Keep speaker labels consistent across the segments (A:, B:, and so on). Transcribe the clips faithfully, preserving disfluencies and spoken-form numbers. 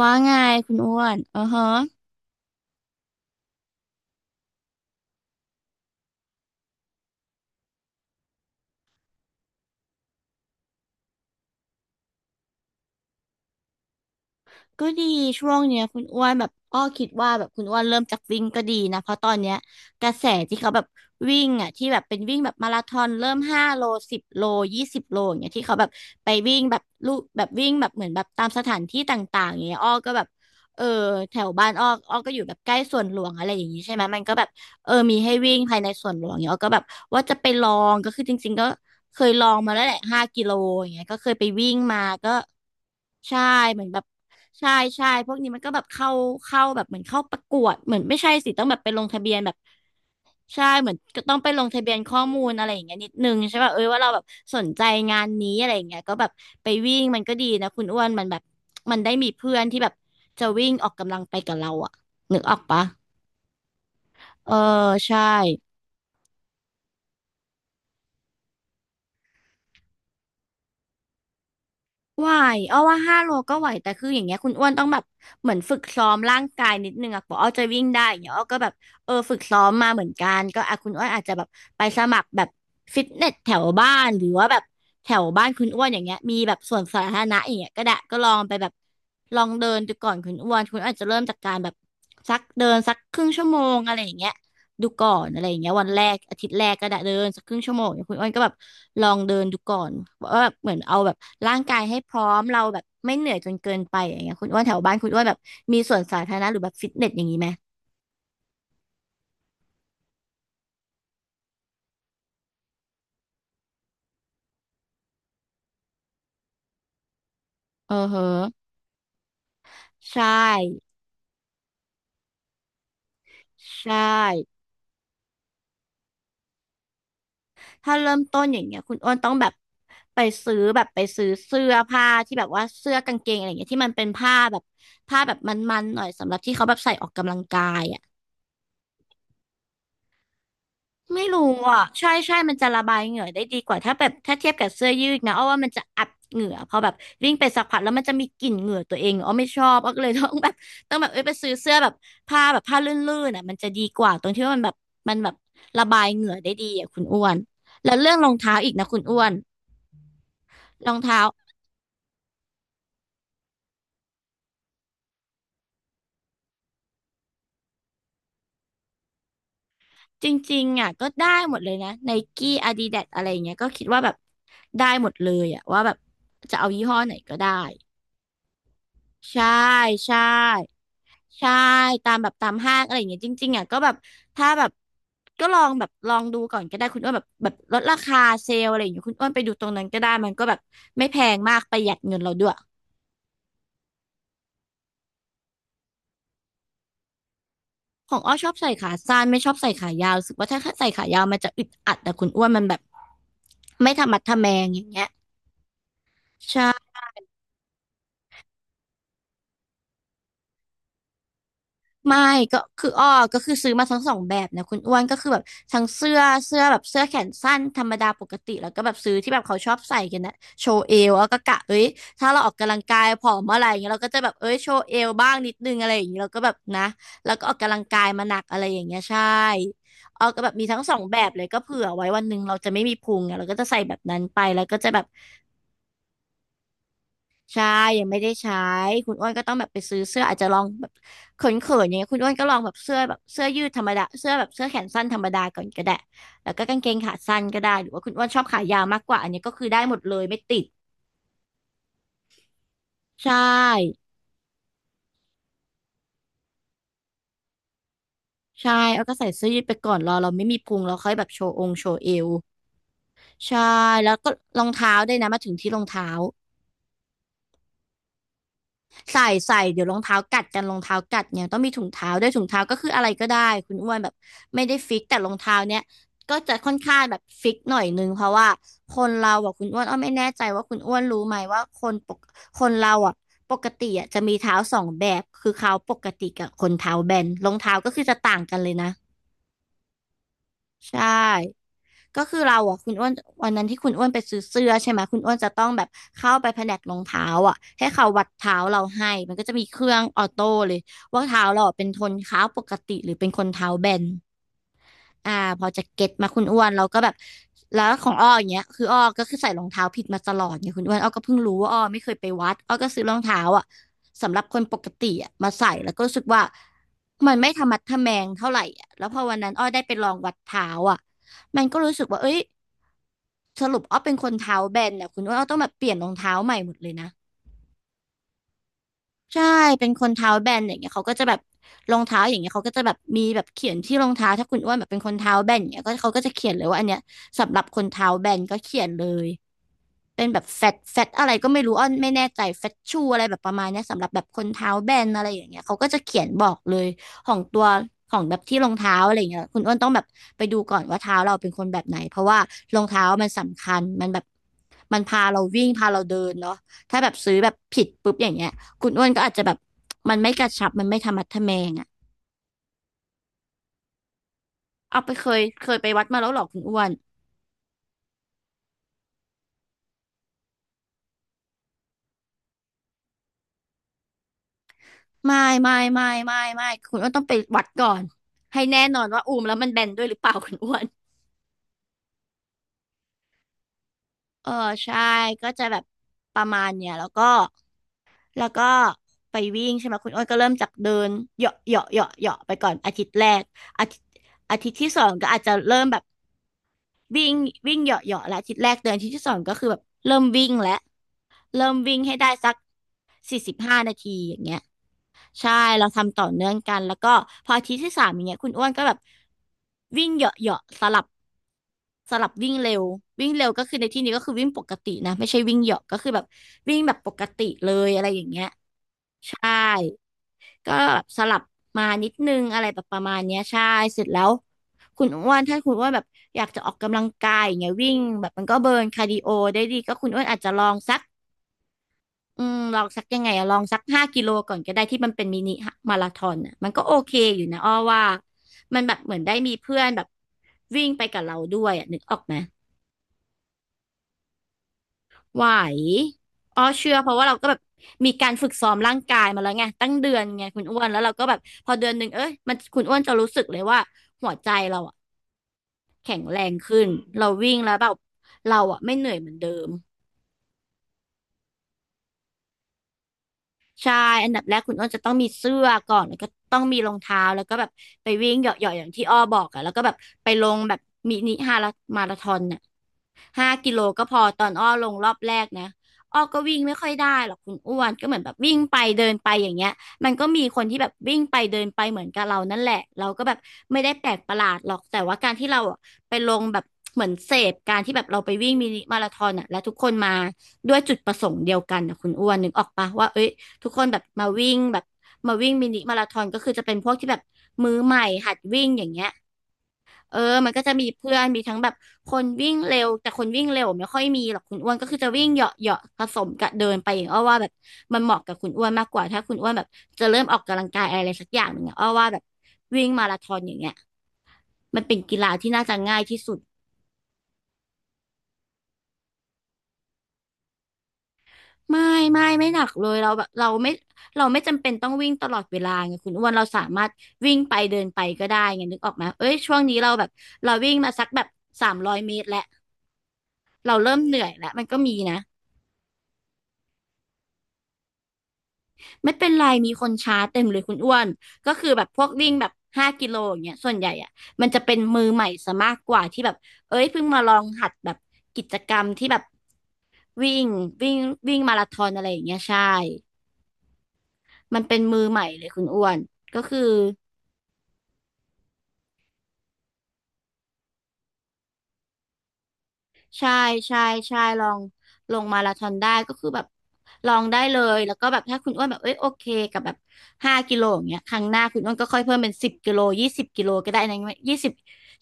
A: ว่าไงคุณอ้วนอือฮะก็ดีช่วงเนี้ยคุณอ้วนแบบอ้อคิดว่าแบบคุณอ้วนเริ่มจากวิ่งก็ดีนะเพราะตอนเนี้ยกระแสที่เขาแบบวิ่งอ่ะที่แบบเป็นวิ่งแบบมาราธอนเริ่มห้าโลสิบโลยี่สิบโลอย่างเงี้ยที่เขาแบบไปวิ่งแบบลูกแบบวิ่งแบบเหมือนแบบตามสถานที่ต่างๆอย่างเงี้ยอ้อก็แบบเออแถวบ้านอ้ออ้อก็อยู่แบบใกล้สวนหลวงอะไรอย่างงี้ใช่ไหมมันก็แบบเออมีให้วิ่งภายในสวนหลวงเนี่ยอ้อก็แบบว่าจะไปลองก็คือจริงๆก็ เคยลองมาแล้วแหละห้ากิโลอย่างเงี้ยก็เคยไปวิ่งมาก็ใช่เหมือนแบบใช่ใช่พวกนี้มันก็แบบเข้าเข้าแบบเหมือนเข้าประกวดเหมือนไม่ใช่สิต้องแบบไปลงทะเบียนแบบใช่เหมือนก็ต้องไปลงทะเบียนข้อมูลอะไรอย่างเงี้ยนิดนึงใช่ป่ะเอ้ยว่าเราแบบสนใจงานนี้อะไรอย่างเงี้ยก็แบบไปวิ่งมันก็ดีนะคุณอ้วนมันแบบมันได้มีเพื่อนที่แบบจะวิ่งออกกำลังไปกับเราอะนึกออกปะเออใช่ ไหวอ้อว่าห้าโลก็ไหวแต่คืออย่างเงี้ยคุณอ้วนต้องแบบเหมือนฝึกซ้อมร่างกายนิดนึงอะกว่าอ้อจะวิ่งได้อย่างเงี้ยอ้อก็แบบเออฝึกซ้อมมาเหมือนกันก็อะคุณอ้วนอาจจะแบบไปสมัครแบบฟิตเนสแถวบ้านหรือว่าแบบแถวบ้านคุณอ้วนอย่างเงี้ยมีแบบส่วนสาธารณะอย่างเงี้ยก็ได้ก็ลองไปแบบลองเดินดูก่อนคุณอ้วนคุณอ้วนอาจจะเริ่มจากการแบบสักเดินสักครึ่งชั่วโมงอะไรอย่างเงี้ย ดูก่อนอะไรอย่างเงี้ยวันแรกอาทิตย์แรกก็ได้เดินสักครึ่งชั่วโมงเนี่ยคุณอ้นก็แบบลองเดินดูก่อนว่าแบบเหมือนเอาแบบร่างกายให้พร้อมเราแบบไม่เหนื่อยจนเกินไปอย่างเงี้ยคุณอ้วนแถวบ้านคุณอ้วนแบบมีสวนสาธารณะหรือแบบฟิตเนสอย่างนี้ไหมเออเฮอใช่ใช่ถ้าเริ่มต้นอย่างเงี้ยคุณอ้นต้องแบบไปซื้อแบบไปซื้อเสื้อผ้าที่แบบว่าเสื้อกางเกงอะไรอย่างเงี้ยที่มันเป็นผ้าแบบผ้าแบบมันๆหน่อยสำหรับที่เขาแบบใส่ออกกำลังกายอ่ะ ไม่รู้อ่ะใช่ใช่มันจะระบายเหงื่อได้ดีกว่าถ้าแบบถ้าเทียบกับเสื้อยืดนะอ้อว่ามันจะอับเหงื่อพอแบบวิ่งไปสักพักแล้วมันจะมีกลิ่นเหงื่อตัวเองอ้อไม่ชอบอ้อก็เลยต้องแบบต้องแบบเอ้ยไปซื้อเสื้อแบบผ้าแบบผ้าลื่นๆอ่ะมันจะดีกว่าตรงที่ว่ามันแบบมันแบบระบายเหงื่อได้ดีอ่ะคุณอ้วนแล้วเรื่องรองเท้าอีกนะคุณอ้วนรองเท้าจริงๆอ่ะก็ได้หมดเลยนะไนกี้อาดิดาสอะไรอย่างเงี้ยก็คิดว่าแบบได้หมดเลยอ่ะว่าแบบจะเอายี่ห้อไหนก็ได้ ใช่ใช่ใช่ตามแบบตามห้างอะไรอย่างเงี้ยจริงๆอ่ะก็แบบถ้าแบบก็ลองแบบลองดูก่อนก็ได้คุณอ้วนแบบแบบลดราคาเซลล์อะไรอย่างเงี้ยคุณอ้วนไปดูตรงนั้นก็ได้มันก็แบบไม่แพงมากประหยัดเงินเราด้วยของอ้อชอบใส่ขาสั้นไม่ชอบใส่ขายาวรู้สึกว่าถ้าใส่ขายาวมันจะอึดอัดแต่คุณอ้วนมันแบบไม่ทะมัดทะแมงอย่างเงี้ยใช่ ไม่ก็คืออ้อก็คือซื้อมาทั้งสองแบบนะคุณอ้วนก็คือแบบทั้งเสื้อเสื้อแบบเสื้อแขนสั้นธรรมดาปกติแล้วก็แบบซื้อที่แบบเขาชอบใส่กันนะโชว์เอวแล้วก็กะเอ้ยถ้าเราออกกำลังกายผอมเมื่อไหร่อย่างเงี้ยเราก็จะแบบเอ้ยโชว์เอวบ้างนิดนึงอะไรอย่างเงี้ยเราก็แบบนะแล้วก็ออกกำลังกายมาหนักอะไรอย่างเงี้ยใช่อ้อก็แบบมีทั้งสองแบบเลยก็เผื่อไว้วันหนึ่งเราจะไม่มีพุงไงเราก็จะใส่แบบนั้นไปแล้วก็จะแบบ ใช่ยังไม่ได้ใช้คุณอ้วนก็ต้องแบบไปซื้อเสื้ออาจจะลองแบบเขินๆอย่างเงี้ยคุณอ้วนก็ลองแบบเสื้อแบบเสื้อยืดธรรมดาเสื้อแบบเสื้อแขนสั้นธรรมดาก่อนก็ได้แล้วก็กางเกงขาสั้นก็ได้หรือว่าคุณอ้วนชอบขายาวมากกว่าอันนี้ก็คือได้หมดเลยไม่ติดใช่ใช่เอาก็ใส่เสื้อยืดไปก่อนรอเราไม่มีพุงเราค่อยแบบโชว์องค์โชว์เอวใช่แล้วก็รองเท้าด้วยนะมาถึงที่รองเท้า ใส่ใส่เดี๋ยวรองเท้ากัดกันรองเท้ากัดเนี่ยต้องมีถุงเท้าด้วยถุงเท้าก็คืออะไรก็ได้คุณอ้วนแบบไม่ได้ฟิกแต่รองเท้าเนี่ยก็จะค่อนข้างแบบฟิกหน่อยนึงเพราะว่าคนเราอะคุณอ้วนอ้อไม่แน่ใจว่าคุณอ้วนรู้ไหมว่าคนปกคนเราอะปกติอะจะมีเท้าสองแบบคือเขาปกติกับคนเท้าแบนรองเท้าก็คือจะต่างกันเลยนะใช่ ก็คือเราอ่ะคุณอ้วนวันนั้นที่คุณอ้วนไปซื้อเสื้อใช่ไหมคุณอ้วนจะต้องแบบเข้าไปแผนกรองเท้าอ่ะให้เขาวัดเท้าเราให้มันก็จะมีเครื่องออโต้เลยว่าเท้าเราอะเป็นคนเท้าปกติหรือเป็นคนเท้าแบนอ่าพอจะเก็ตมาคุณอ้วนเราก็แบบแล้วของอ้ออย่างเงี้ยคืออ้อก็คือใส่รองเท้าผิดมาตลอดเนี่ยคุณอ้วนอ้อก็เพิ่งรู้ว่าอ้อไม่เคยไปวัดอ้อก็ซื้อรองเท้าอ่ะสำหรับคนปกติอ่ะมาใส่แล้วก็รู้สึกว่ามันไม่ทะมัดทะแมงเท่าไหร่อ่ะแล้วพอวันนั้นอ้อได้ไปลองวัดเท้าอ่ะมันก็รู้สึกว่าเอ้ย สรุปอ้อเป็นคนเท้าแบนเนี่ยคุณว่าอ้อต้องแบบเปลี่ยนรองเท้าใหม่หมดเลยนะใช่เป็นคนเท้าแบนอย่างเงี้ยเขาก็จะแบบรองเท้าอย่างเงี้ยเขาก็จะแบบมีแบบเขียนที่รองเท้าถ้าคุณอ้วนแบบเป็นคนเท้าแบนอย่างเงี้ยก็เขาก็จะเขียนเลยว่าอันเนี้ยสำหรับคนเท้าแบนก็เขียนเลย เป็นแบบแฟตแฟตอะไรก็ไม่รู้อ้อนไม่แน่ใจแฟตชูอะไรแบบประมาณเนี้ยสำหรับแบบคนเท้าแบนอะไรอย่างเงี้ยเขาก็จะเขียนบอกเลยของตัวของแบบที่รองเท้าอะไรอย่างเงี้ยคุณอ้วนต้องแบบไปดูก่อนว่าเท้าเราเป็นคนแบบไหนเพราะว่ารองเท้ามันสำคัญมันแบบมันพาเราวิ่งพาเราเดินเนาะถ้าแบบซื้อแบบผิดปุ๊บอย่างเงี้ยคุณอ้วนก็อาจจะแบบมันไม่กระชับมันไม่ธรรมัดทะแมงอะเอาไปเคยเคยไปวัดมาแล้วเหรอคุณอ้วน ไม่ไม่ไม่ไม่ไม่คุณอ้วนต้องไปวัดก่อนให้แน่นอนว่าอูมแล้วมันแบนด้วยหรือเปล่าคุณอ้วนเออใช่ก็จะแบบประมาณเนี่ยแล้วก็แล้วก็ไปวิ่งใช่ไหมคุณอ้วนก็เริ่มจากเดินเหยาะเหยาะเหยาะเหยาะไปก่อนอาทิตย์แรกอาทิตย์อาทิตย์ที่สองก็อาจจะเริ่มแบบวิ่งวิ่งเหยาะเหยาะและอาทิตย์แรกเดือนอาทิตย์ที่สองก็คือแบบเริ่มวิ่งแล้ว เริ่มวิ่งให้ได้สักสี่สิบห้านาทีอย่างเงี้ยใช่เราทำต่อเนื่องกันแล้วก็พออาทิตย์ที่สามอย่างเงี้ยคุณอ้วนก็แบบวิ่งเหยาะๆสลับสลับวิ่งเร็ววิ่งเร็วก็คือในที่นี้ก็คือวิ่งปกตินะไม่ใช่วิ่งเหยาะก็คือแบบวิ่งแบบปกติเลยอะไรอย่างเงี้ยใช่ก็แบบสลับมานิดนึงอะไรแบบประมาณเนี้ยใช่เสร็จแล้วคุณอ้วนถ้าคุณอ้วนแบบอยากจะออกกำลังกายอย่างเงี้ยวิ่งแบบมันก็เบิร์นคาร์ดิโอได้ดีก็คุณอ้วนอาจจะลองสัก อืมลองสักยังไงอะลองสักห้ากิโลก่อนก็ได้ที่มันเป็นมินิมาราธอนอะมันก็โอเคอยู่นะอ้อว่ามันแบบเหมือนได้มีเพื่อนแบบวิ่งไปกับเราด้วยอะนึกออกไหมไหวอ้อเชื่อเพราะว่าเราก็แบบมีการฝึกซ้อมร่างกายมาแล้วไงตั้งเดือนไงคุณอ้วนแล้วเราก็แบบพอเดือนหนึ่งเอ้ยมันคุณอ้วนจะรู้สึกเลยว่าหัวใจเราอะแข็งแรงขึ้นเราวิ่งแล้วแบบเราอะไม่เหนื่อยเหมือนเดิม ใช่อันดับแรกคุณอ้นจะต้องมีเสื้อก่อนแล้วก็ต้องมีรองเท้าแล้วก็แบบไปวิ่งเหยาะๆอย่างที่อ้อบอกอะแล้วก็แบบไปลงแบบมินิฮาลามาราธอนน่ะห้ากิโลก็พอตอนอ้อลงรอบแรกนะอ้อก็วิ่งไม่ค่อยได้หรอกคุณอ้วนก็เหมือนแบบวิ่งไปเดินไปอย่างเงี้ยมันก็มีคนที่แบบวิ่งไปเดินไปเหมือนกับเรานั่นแหละเราก็แบบไม่ได้แปลกประหลาดหรอกแต่ว่าการที่เราอะไปลงแบบเหมือนเสพการที่แบบเราไปวิ่งมินิมาราธอนอะแล้วทุกคนมาด้วยจุดประสงค์เดียวกันนะคุณอ้วนนึกออกปะว่าเอ้ย ทุกคนแบบมาวิ่งแบบมาวิ่งมินิมาราธอนก็คือจะเป็นพวกที่แบบมือใหม่หัดวิ่งอย่างเงี้ยเออมันก็จะมีเพื่อนมีทั้งแบบคนวิ่งเร็วแต่คนวิ่งเร็วไม่ค่อยมีหรอกคุณอ้วนก็คือจะวิ่งเหยาะเหาะผสมกับเดินไปอย่างอ้อว่าแบบมันเหมาะกับคุณอ้วนมากกว่าถ้าคุณอ้วนแบบจะเริ่มออกกำลังกายอะไรสักอย่างหนึ่งอะอ้อว่าแบบวิ่งมาราธอนอย่างเงี้ยมันเป็นกีฬาที่น่าจะง่ายที่สุด ไม่ไม่ไม่หนักเลยเราแบบเราไม่เราไม่จำเป็นต้องวิ่งตลอดเวลาไงคุณอ้วนเราสามารถวิ่งไปเดินไปก็ได้ไงนึกออกไหมเอ้ยช่วงนี้เราแบบเราวิ่งมาสักแบบสามร้อยเมตรแล้วเราเริ่มเหนื่อยแล้วมันก็มีนะไม่เป็นไรมีคนชาร์จเต็มเลยคุณอ้วนก็คือแบบพวกวิ่งแบบห้ากิโลอย่างเงี้ยส่วนใหญ่อ่ะมันจะเป็นมือใหม่ซะมากกว่าที่แบบเอ้ยเพิ่งมาลองหัดแบบกิจกรรมที่แบบวิ่งวิ่งวิ่งมาราธอนอะไรอย่างเงี้ยใช่มันเป็นมือใหม่เลยคุณอ้วนก็คือ ใช่ใช่ใช่ ลองลงมาราธอนได้ก็คือแบบลองได้เลยแล้วก็แบบถ้าคุณอ้วนแบบเอ้ยโอเคกับแบบห้ากิโลอย่างเงี้ยครั้งหน้าคุณอ้วนก็ค่อยเพิ่มเป็นสิบกิโลยี่สิบกิโลก็ได้นะยี่สิบ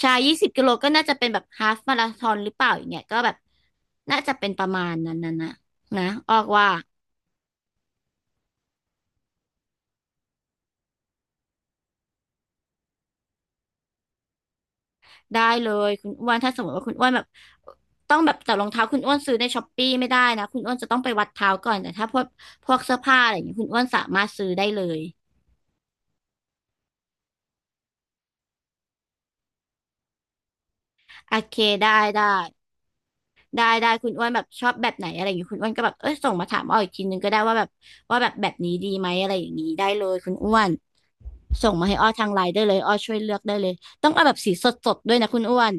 A: ใชายยี่สิบกิโลก็น่าจะเป็นแบบฮาล์ฟมาราธอนหรือเปล่าอย่างเงี้ยก็แบบน่าจะเป็นประมาณนั้นนะนะนะออกว่าได้เลยคุณอ้วนถ้าสมมติว่าคุณอ้วนแบบต้องแบบแต่รองเท้าคุณอ้วนซื้อในช้อปปี้ไม่ได้นะ คุณอ้วนจะต้องไปวัดเท้าก่อน แต่ถ้าพวกพวกเสื้อผ้าอะไรอย่างเงี้ยคุณอ้วนสามารถซื้อได้เลย โอเคได้ได้ได้ได้คุณอ้วนแบบชอบแบบไหนอะไรอย่างงี้คุณอ้วนก็แบบเอ้ยส่งมาถามอ้ออีกทีนึงก็ได้ว่าแบบว่าแบบแบบนี้ดีไหมอะไรอย่างนี้ได้เลยคุณอ้วนส่งมาให้อ้อทางไลน์ได้เลยอ้อช่วยเลือกได้เลยต้องเอาแบบสีสดๆด้วยนะคุณอ้วน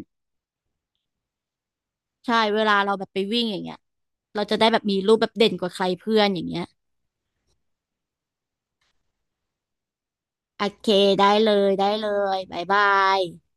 A: ใช่เวลาเราแบบไปวิ่งอย่างเงี้ยเราจะได้แบบมีรูปแบบเด่นกว่าใครเพื่อนอย่างเงี้ยโอเคได้เลยได้เลยบ๊ายบาย